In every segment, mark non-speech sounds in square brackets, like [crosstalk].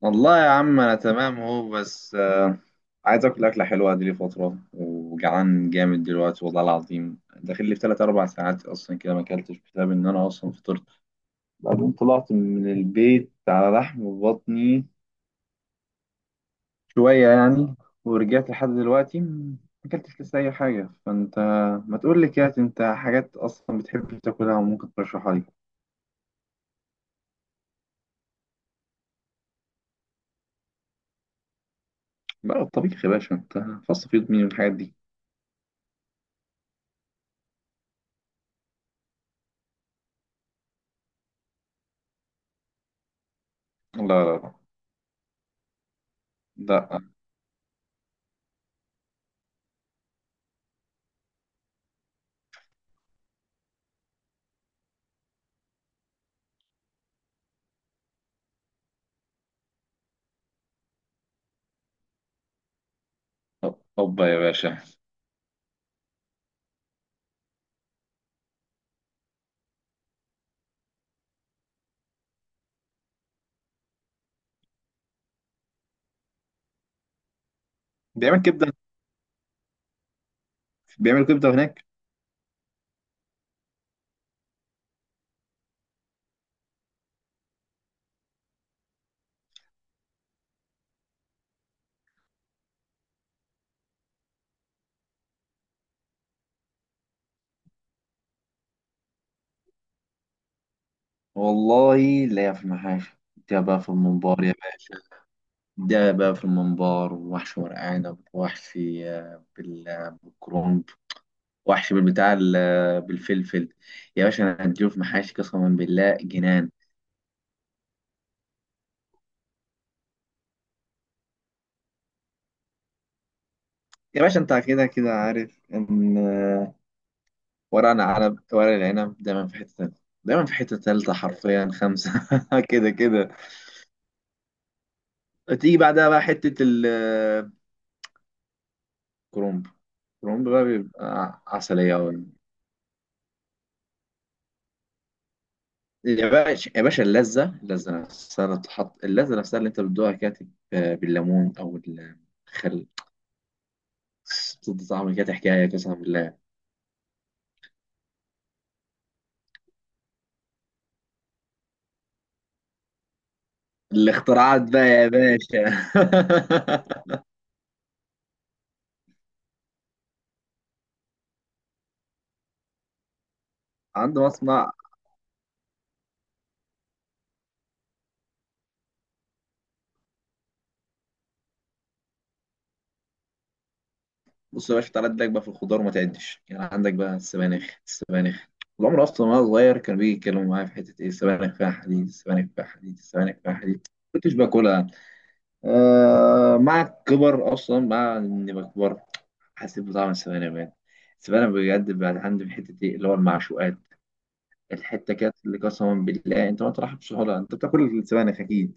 والله يا عم انا تمام اهو بس عايز اكل اكله حلوه دي لي فتره، وجعان جامد دلوقتي والله العظيم. داخل لي في 3 4 ساعات اصلا كده ما اكلتش، بسبب ان انا اصلا فطرت بعدين طلعت من البيت على لحم بطني شويه يعني، ورجعت لحد دلوقتي ما اكلتش لسه اي حاجه. فانت ما تقول لي كده انت حاجات اصلا بتحب تاكلها وممكن ترشحها لي؟ بقى الطبيخ يا باشا؟ انت فصل في يد مين الحاجات دي. لا، لا، لا، لا، هوبا يا باشا. بيعمل كبده؟ بيعمل كبده هناك؟ والله لا، في المحاشي ده بقى في الممبار يا باشا، ده بقى في الممبار. وحش ورق عنب وحشي آه، بالكرنب، وحشي بالبتاع بالفلفل. يا باشا انا هديله في محاشي قسما بالله جنان. يا باشا انت كده كده عارف ان ورق العنب، ورق العنب دايما في حته تالته، دايما في حته تالته حرفيا خمسه [laughs] كده كده. تيجي بعدها بقى حته الكرنب. الكرنب بقى بيبقى عسليه أوي. يا باشا، يا باشا، اللذة، اللذة نفسها اللي تحط اللذة نفسها اللي انت بتدوقها كده تبقى بالليمون او الخل، تدي طعم كده حكاية قسما بالله. الاختراعات بقى يا باشا. [laughs] عنده مصنع. بص يا باشا، تعالى اديلك بقى في الخضار وما تعدش. يعني عندك بقى السبانخ، السبانخ العمر اصلا وانا صغير كانوا بيجي يتكلموا معايا في حتة ايه، السبانخ فيها حديد، السبانخ فيها حديد، السبانخ فيها حديد، كنتش باكلها. آه مع الكبر، اصلا مع اني بكبر حسيت بطعم السبانخ بجد. السبانخ بجد بعد عندي في حته ايه اللي هو المعشوقات، الحته كانت اللي قسما بالله انت ما تروحش بسهوله. انت بتاكل السبانخ اكيد.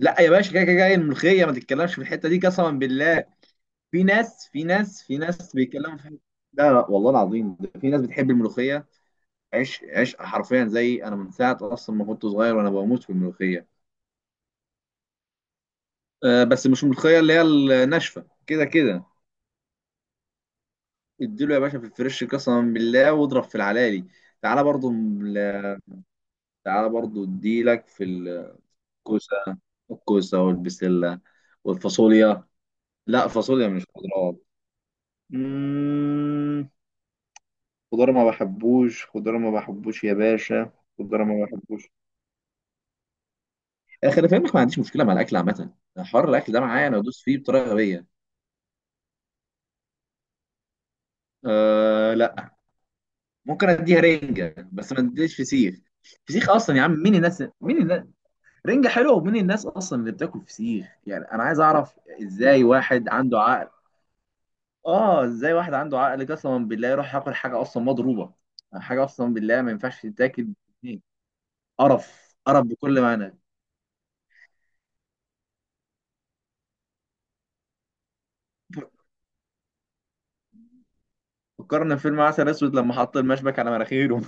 لا يا باشا، كده كده جاي الملوخيه، ما تتكلمش في الحته دي قسما بالله. في ناس، في ناس، في ناس بيتكلموا في الحتة- لا، لا والله العظيم، ده في ناس بتحب الملوخيه. عيش، عيش حرفيا زي انا، من ساعه اصلا ما كنت صغير وانا بموت في الملوخيه. آه بس مش الملوخيه اللي هي الناشفه كده كده. اديله يا باشا في الفريش قسما بالله، واضرب في العلالي. تعالى برضو ال- تعالى برضو اديلك في الكوسه. الكوسه والبسله والفاصوليا. لا، فاصوليا مش خضروات. مم، خضار ما بحبوش، خضار ما بحبوش يا باشا، خضار ما بحبوش أنا. خلي في علمك، ما عنديش مشكله مع الاكل عامه. حر الاكل ده معايا، انا ادوس فيه بطريقه غبيه. أه لا، ممكن اديها رنجه بس ما اديش فسيخ. فسيخ اصلا يا عم؟ مين الناس مين؟ رنجة حلوة، ومين الناس أصلا اللي بتاكل فسيخ؟ يعني أنا عايز أعرف إزاي واحد عنده عقل. آه، إزاي واحد عنده عقل قسما بالله يروح ياكل حاجة أصلا مضروبة، حاجة أصلا بالله ما ينفعش تتاكل. باتنين. قرف، قرف بكل معنى. فكرنا في فيلم عسل اسود لما حط المشبك على مناخيره.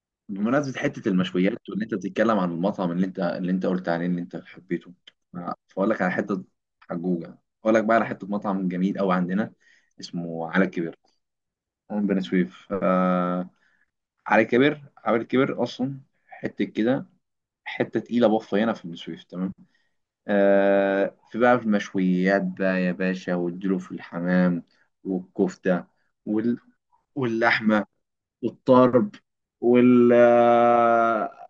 [laughs] بمناسبه حته المشويات، وان انت بتتكلم عن المطعم اللي انت، اللي انت قلت عليه اللي انت حبيته، فاقول لك على حته، حجوجه اقول لك بقى على حته مطعم جميل قوي عندنا، اسمه على الكبير. هون بني سويف على كبر، على كبر اصلا، حته كده، حته تقيله بفه هنا في السويف تمام. آه في بقى في المشويات بقى يا باشا، والدلو في الحمام، والكفته، وال... واللحمه، والطرب، وال آه،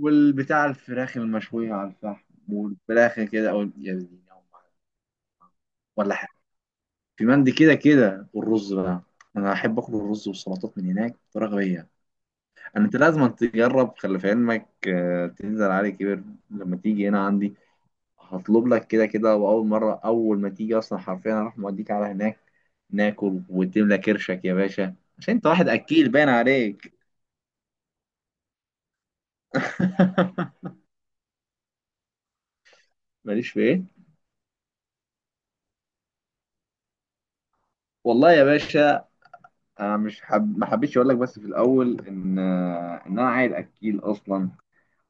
والبتاع الفراخ المشويه على الفحم، والفراخ كده او يا ديني يا أم. ولا حاجه. في مندي كده كده، والرز بقى، انا احب اكل الرز والسلطات من هناك بطريقه غبيه. انت لازم تجرب، خلي في علمك تنزل علي كبير لما تيجي هنا عندي. هطلب لك كده كده، واول مره اول ما تيجي اصلا حرفيا هروح موديك على هناك، ناكل وتملى كرشك يا باشا، عشان انت واحد اكيل باين عليك. [laughs] ماليش في ايه؟ والله يا باشا انا مش حب... ما حبيتش اقول لك بس في الاول ان ان انا عيل اكيل اصلا،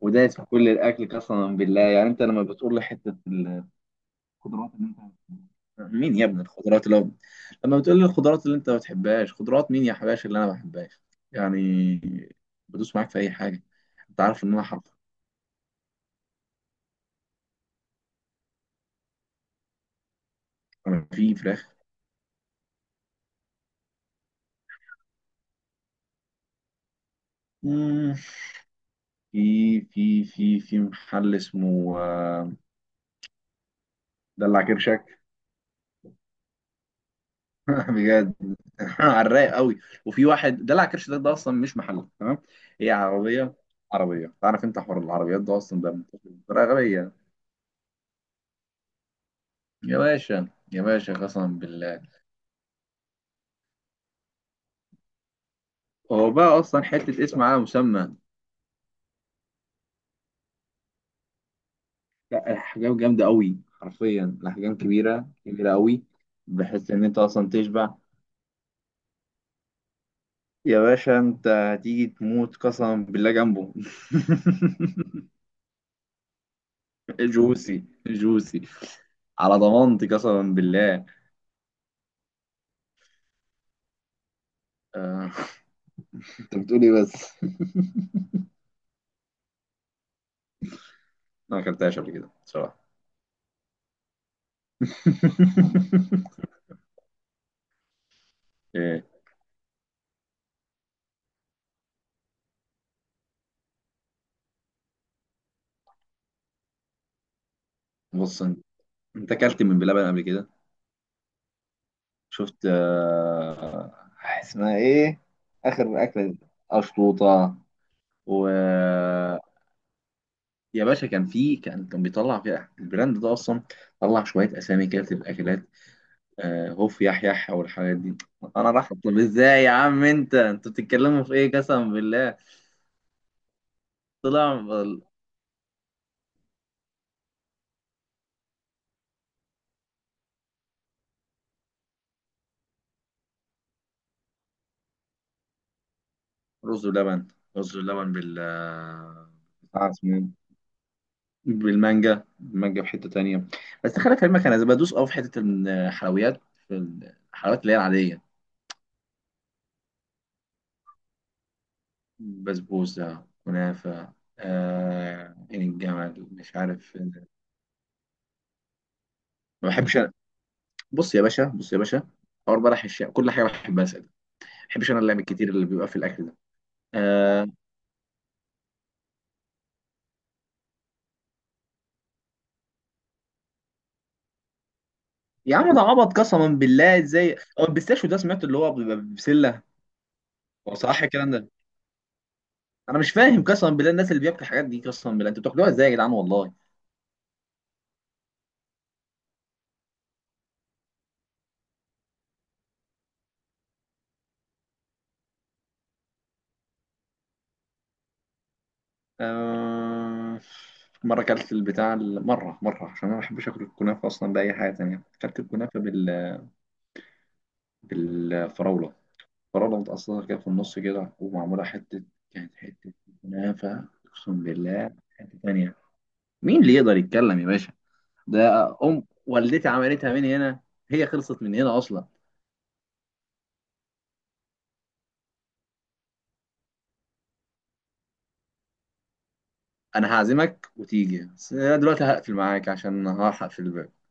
ودايس في كل الاكل قسما بالله. يعني انت لما بتقول لي حته خضروات اللي انت، مين يا ابني الخضروات اللي هو، لما بتقول لي الخضروات اللي انت ما بتحبهاش، خضروات مين يا حباشا اللي انا ما بحبهاش يعني؟ بدوس معاك في اي حاجه، انت عارف ان انا حرف. انا في فراخ. مم. في محل اسمه دلع كرشك. [laughs] بجد. [laughs] على الرايق قوي. وفي واحد دلع كرش ده, ده اصلا مش محل تمام. هي عربيه، عربيه. تعرف انت حوار العربيات ده اصلا ده منتشر بطريقه غبيه. يا باشا، يا باشا قسما بالله، هو بقى اصلا حته اسم على مسمى. لا، الاحجام جامده قوي، حرفيا الاحجام كبيره، كبيره قوي، بحيث ان انت اصلا تشبع. يا باشا انت هتيجي تموت قسما بالله جنبه. [laughs] جوسي، جوسي، على ضمانتي قسما بالله. آه، [laughs] انت بتقول ايه بس؟ [laughs] أنا ما اكلتهاش قبل كده بصراحه. [laughs] إيه، بص انت، أنت اكلت من بلبن قبل كده؟ شفت اسمها ايه اخر اكله دي. اشطوطه و- يا باشا كان في، كان بيطلع في البراند ده اصلا، طلع شويه اسامي كده بتبقى اكلات، هوف يح يح او الحاجات دي. انا راح، طب ازاي يا عم، انت انتوا بتتكلموا في ايه قسما بالله؟ طلع. رز ولبن، رز ولبن بال- بتاع اسمه إيه؟ بالمانجا، المانجا في حته تانية. بس خلي في علمك انا بدوس اه في حته الحلويات، في الحلويات اللي هي العاديه، بسبوسة، كنافة، آه عين الجمل، مش عارف. ما بحبش أنا. بص يا باشا، بص يا باشا، حوار بلح الشام كل حاجة بحبها، أسأل ما بحبش أنا اللعب الكتير اللي بيبقى في الأكل ده. آه، يا عم ده عبط قسما بالله. ازاي هو البيستاشيو ده سمعت اللي هو بيبقى بسلة. هو صح الكلام ده؟ أنا مش فاهم قسما بالله، الناس اللي بياكلوا الحاجات دي قسما بالله أنتوا بتاكلوها ازاي يا جدعان والله. آه، مرة أكلت البتاع ال- مرة مرة عشان أنا ما بحبش آكل الكنافة أصلا بأي حاجة تانية، أكلت الكنافة بال- بالفراولة، فراولة متقصرة كده في النص كده ومعمولة حتة، كانت حتة كنافة أقسم بالله حتة تانية. مين اللي يقدر يتكلم يا باشا؟ ده أم والدتي عملتها من هنا، هي خلصت من هنا أصلا. أنا هعزمك وتيجي، بس أنا دلوقتي هقفل معاك عشان هلحق في البيت.